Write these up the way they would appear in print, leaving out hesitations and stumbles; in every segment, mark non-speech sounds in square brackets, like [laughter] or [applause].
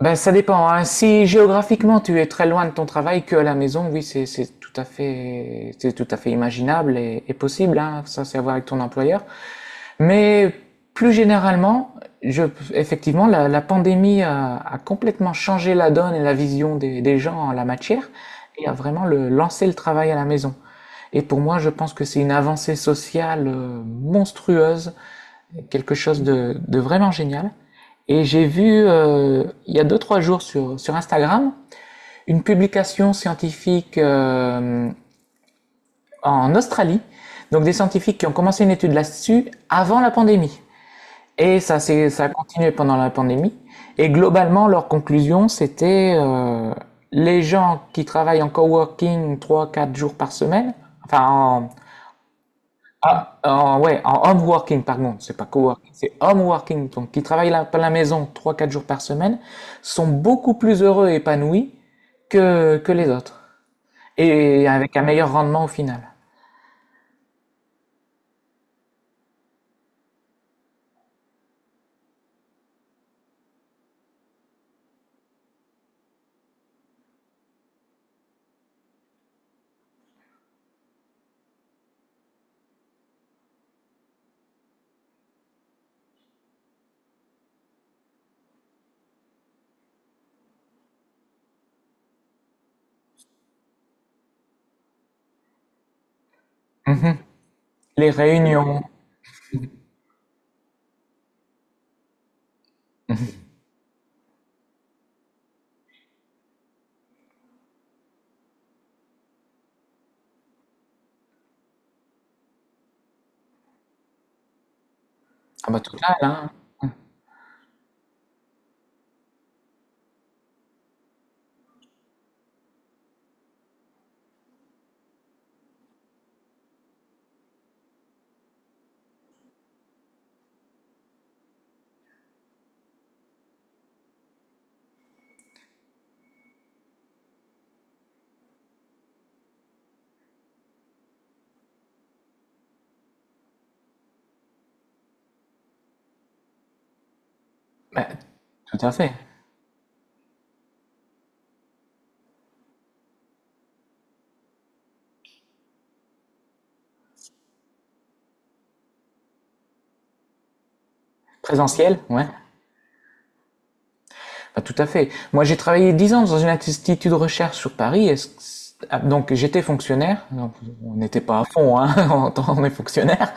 Ben, ça dépend, hein. Si géographiquement tu es très loin de ton travail que à la maison, oui, c'est tout à fait imaginable et possible, hein. Ça, c'est à voir avec ton employeur. Mais plus généralement, je, effectivement, la pandémie a complètement changé la donne et la vision des gens en la matière et a vraiment lancé le travail à la maison. Et pour moi, je pense que c'est une avancée sociale monstrueuse, quelque chose de vraiment génial. Et j'ai vu il y a deux trois jours sur sur Instagram une publication scientifique, en Australie, donc des scientifiques qui ont commencé une étude là-dessus avant la pandémie. Et ça c'est ça a continué pendant la pandémie. Et globalement leur conclusion c'était, les gens qui travaillent en coworking trois quatre jours par semaine, enfin en, ah, en, ouais, en home working, par contre, c'est pas coworking, c'est home working, donc qui travaillent à la maison trois quatre jours par semaine, sont beaucoup plus heureux et épanouis que les autres. Et avec un meilleur rendement au final. Mhm. Les réunions, ah bah tout hein. Bah, tout à fait. Présentiel, ouais, bah tout à fait. Moi, j'ai travaillé 10 ans dans une institut de recherche sur Paris, et c- c- ah, donc j'étais fonctionnaire, donc on n'était pas à fond, hein, [laughs] en tant- on est fonctionnaire,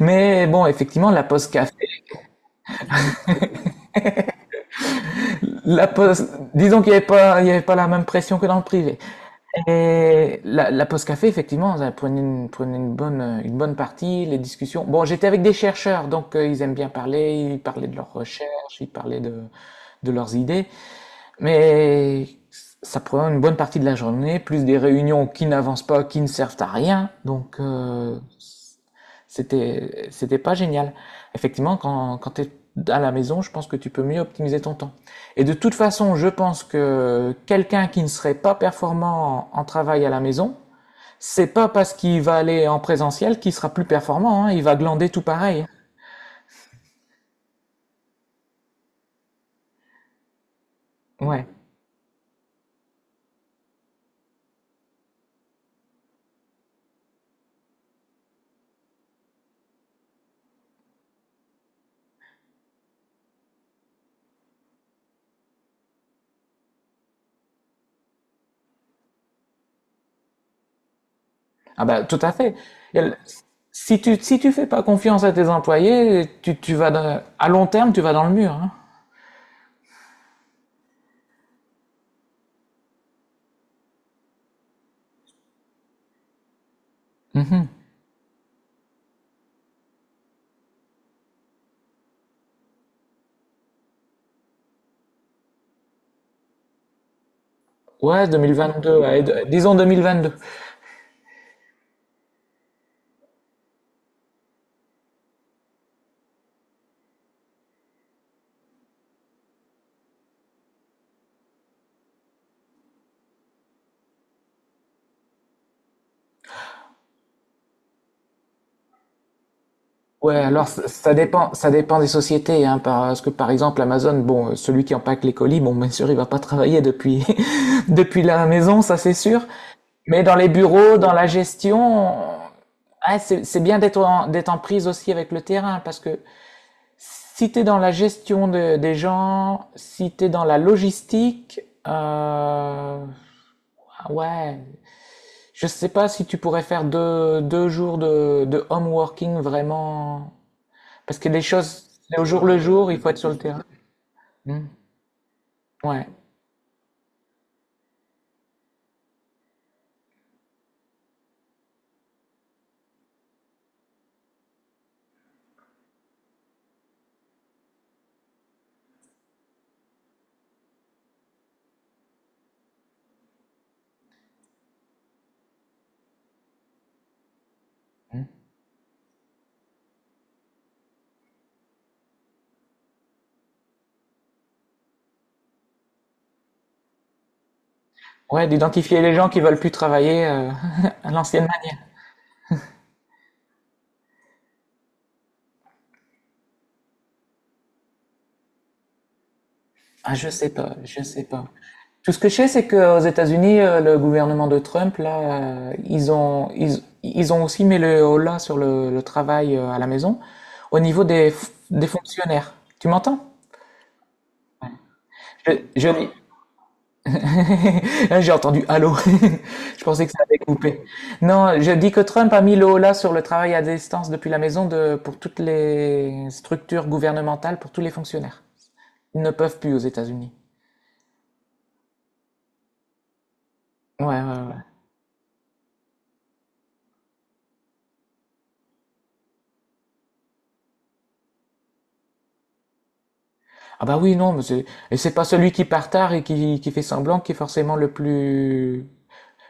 mais bon, effectivement, la pause café, la pause, disons qu'il n'y avait pas, il y avait pas la même pression que dans le privé. Et la pause café, effectivement, ça prenait une bonne partie, les discussions. Bon, j'étais avec des chercheurs, donc ils aiment bien parler, ils parlaient de leurs recherches, ils parlaient de leurs idées, mais ça prend une bonne partie de la journée, plus des réunions qui n'avancent pas, qui ne servent à rien. Donc, c'était, c'était pas génial. Effectivement, quand, quand tu es à la maison, je pense que tu peux mieux optimiser ton temps. Et de toute façon, je pense que quelqu'un qui ne serait pas performant en, en travail à la maison, c'est pas parce qu'il va aller en présentiel qu'il sera plus performant, hein. Il va glander tout pareil. Ouais. Ah bah, tout à fait. Et le- si tu, si tu fais pas confiance à tes employés, tu vas dans- à long terme, tu vas dans le mur, hein. Mhm. Ouais, 2022, ouais, d- disons 2022. Ouais, alors ça dépend, ça dépend des sociétés, hein, parce que par exemple Amazon, bon, celui qui empaque les colis, bon, bien sûr, il va pas travailler depuis [laughs] depuis la maison, ça c'est sûr. Mais dans les bureaux, dans la gestion, ah, c'est bien d'être en, d'être en prise aussi avec le terrain, parce que si t'es dans la gestion de- des gens, si t'es dans la logistique, euh, ah ouais, je sais pas si tu pourrais faire deux jours de home working vraiment. Parce que les choses, c'est au jour le jour, il faut être sur le terrain. Ouais. Ouais, d'identifier les gens qui veulent plus travailler [laughs] à l'ancienne manière. Ah, je sais pas, je sais pas. Tout ce que je sais, c'est qu'aux États-Unis, le gouvernement de Trump, là, ils ont, ils ont aussi mis le holà sur le travail à la maison au niveau des, f- des fonctionnaires. Tu m'entends? Je, je, [laughs] J'ai entendu allô. [laughs] Je pensais que ça avait coupé. Non, je dis que Trump a mis le holà sur le travail à distance depuis la maison de, pour toutes les structures gouvernementales, pour tous les fonctionnaires. Ils ne peuvent plus aux États-Unis. Ouais, ouais, ouais. Ah bah oui, non, mais c'est, et c'est pas celui qui part tard et qui fait semblant qui est forcément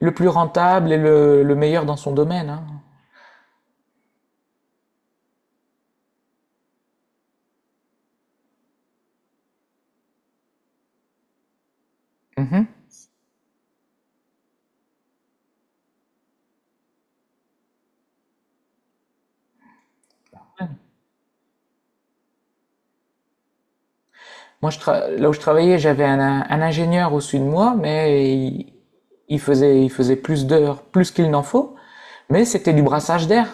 le plus rentable et le meilleur dans son domaine, hein. Mhm. Moi, je tra- là où je travaillais, j'avais un ingénieur au-dessus de moi, mais il faisait plus d'heures, plus qu'il n'en faut. Mais c'était du brassage d'air.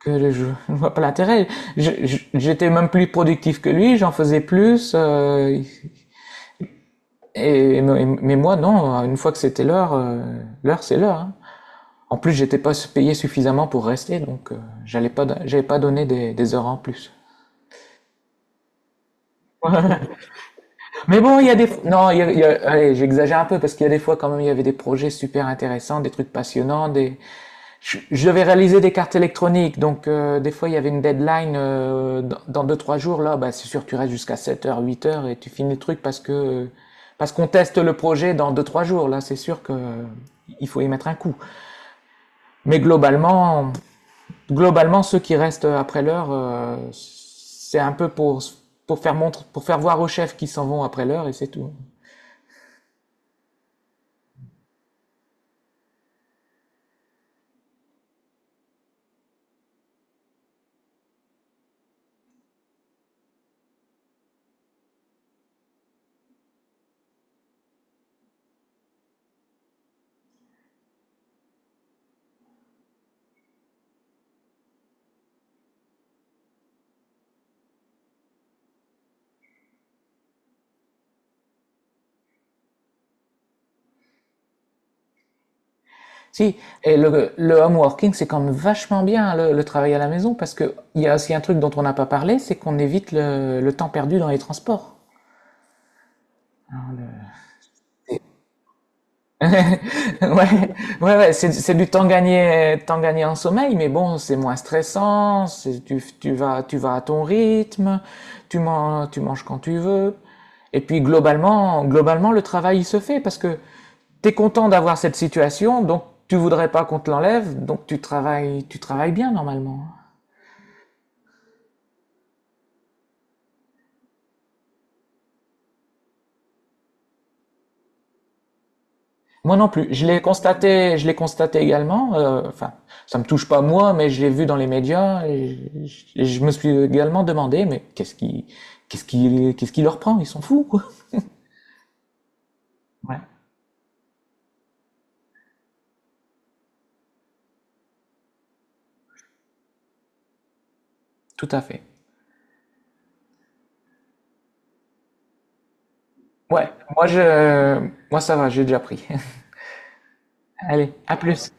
Que je ne vois pas l'intérêt. Je- j'étais même plus productif que lui, j'en faisais plus. Et, mais moi, non. Une fois que c'était l'heure, l'heure, c'est l'heure, hein. En plus, j'étais pas payé suffisamment pour rester, donc j'allais pas, don- j'avais pas donné des heures en plus. Mais bon, il y a des... Non, il y a- allez, j'exagère un peu parce qu'il y a des fois quand même, il y avait des projets super intéressants, des trucs passionnants, des... je devais réaliser des cartes électroniques, donc des fois il y avait une deadline dans, dans deux, trois jours, là, bah, c'est sûr, tu restes jusqu'à 7 heures, 8 heures et tu finis le truc parce que... Parce qu'on teste le projet dans deux, trois jours, là, c'est sûr que il faut y mettre un coup. Mais globalement, globalement, ceux qui restent après l'heure, c'est un peu pour faire montre, pour faire voir aux chefs qu'ils s'en vont après l'heure et c'est tout. Si, et le home working, c'est quand même vachement bien hein, le travail à la maison parce que il y a aussi un truc dont on n'a pas parlé, c'est qu'on évite le temps perdu dans les transports. Hein, le- [laughs] Ouais, ouais, ouais, c'est du temps gagné en sommeil, mais bon, c'est moins stressant, c'est- tu, tu vas à ton rythme, tu manges quand tu veux. Et puis globalement, globalement, le travail il se fait parce que t'es content d'avoir cette situation, donc tu voudrais pas qu'on te l'enlève, donc tu travailles bien normalement. Moi non plus. Je l'ai constaté également. Enfin, ça me touche pas moi, mais je l'ai vu dans les médias et je me suis également demandé, mais qu'est-ce qui, qu'est-ce qui, qu'est-ce qui leur prend? Ils sont fous, quoi. Ouais, tout à fait. Ouais, moi je, moi ça va, j'ai déjà pris. [laughs] Allez, à plus.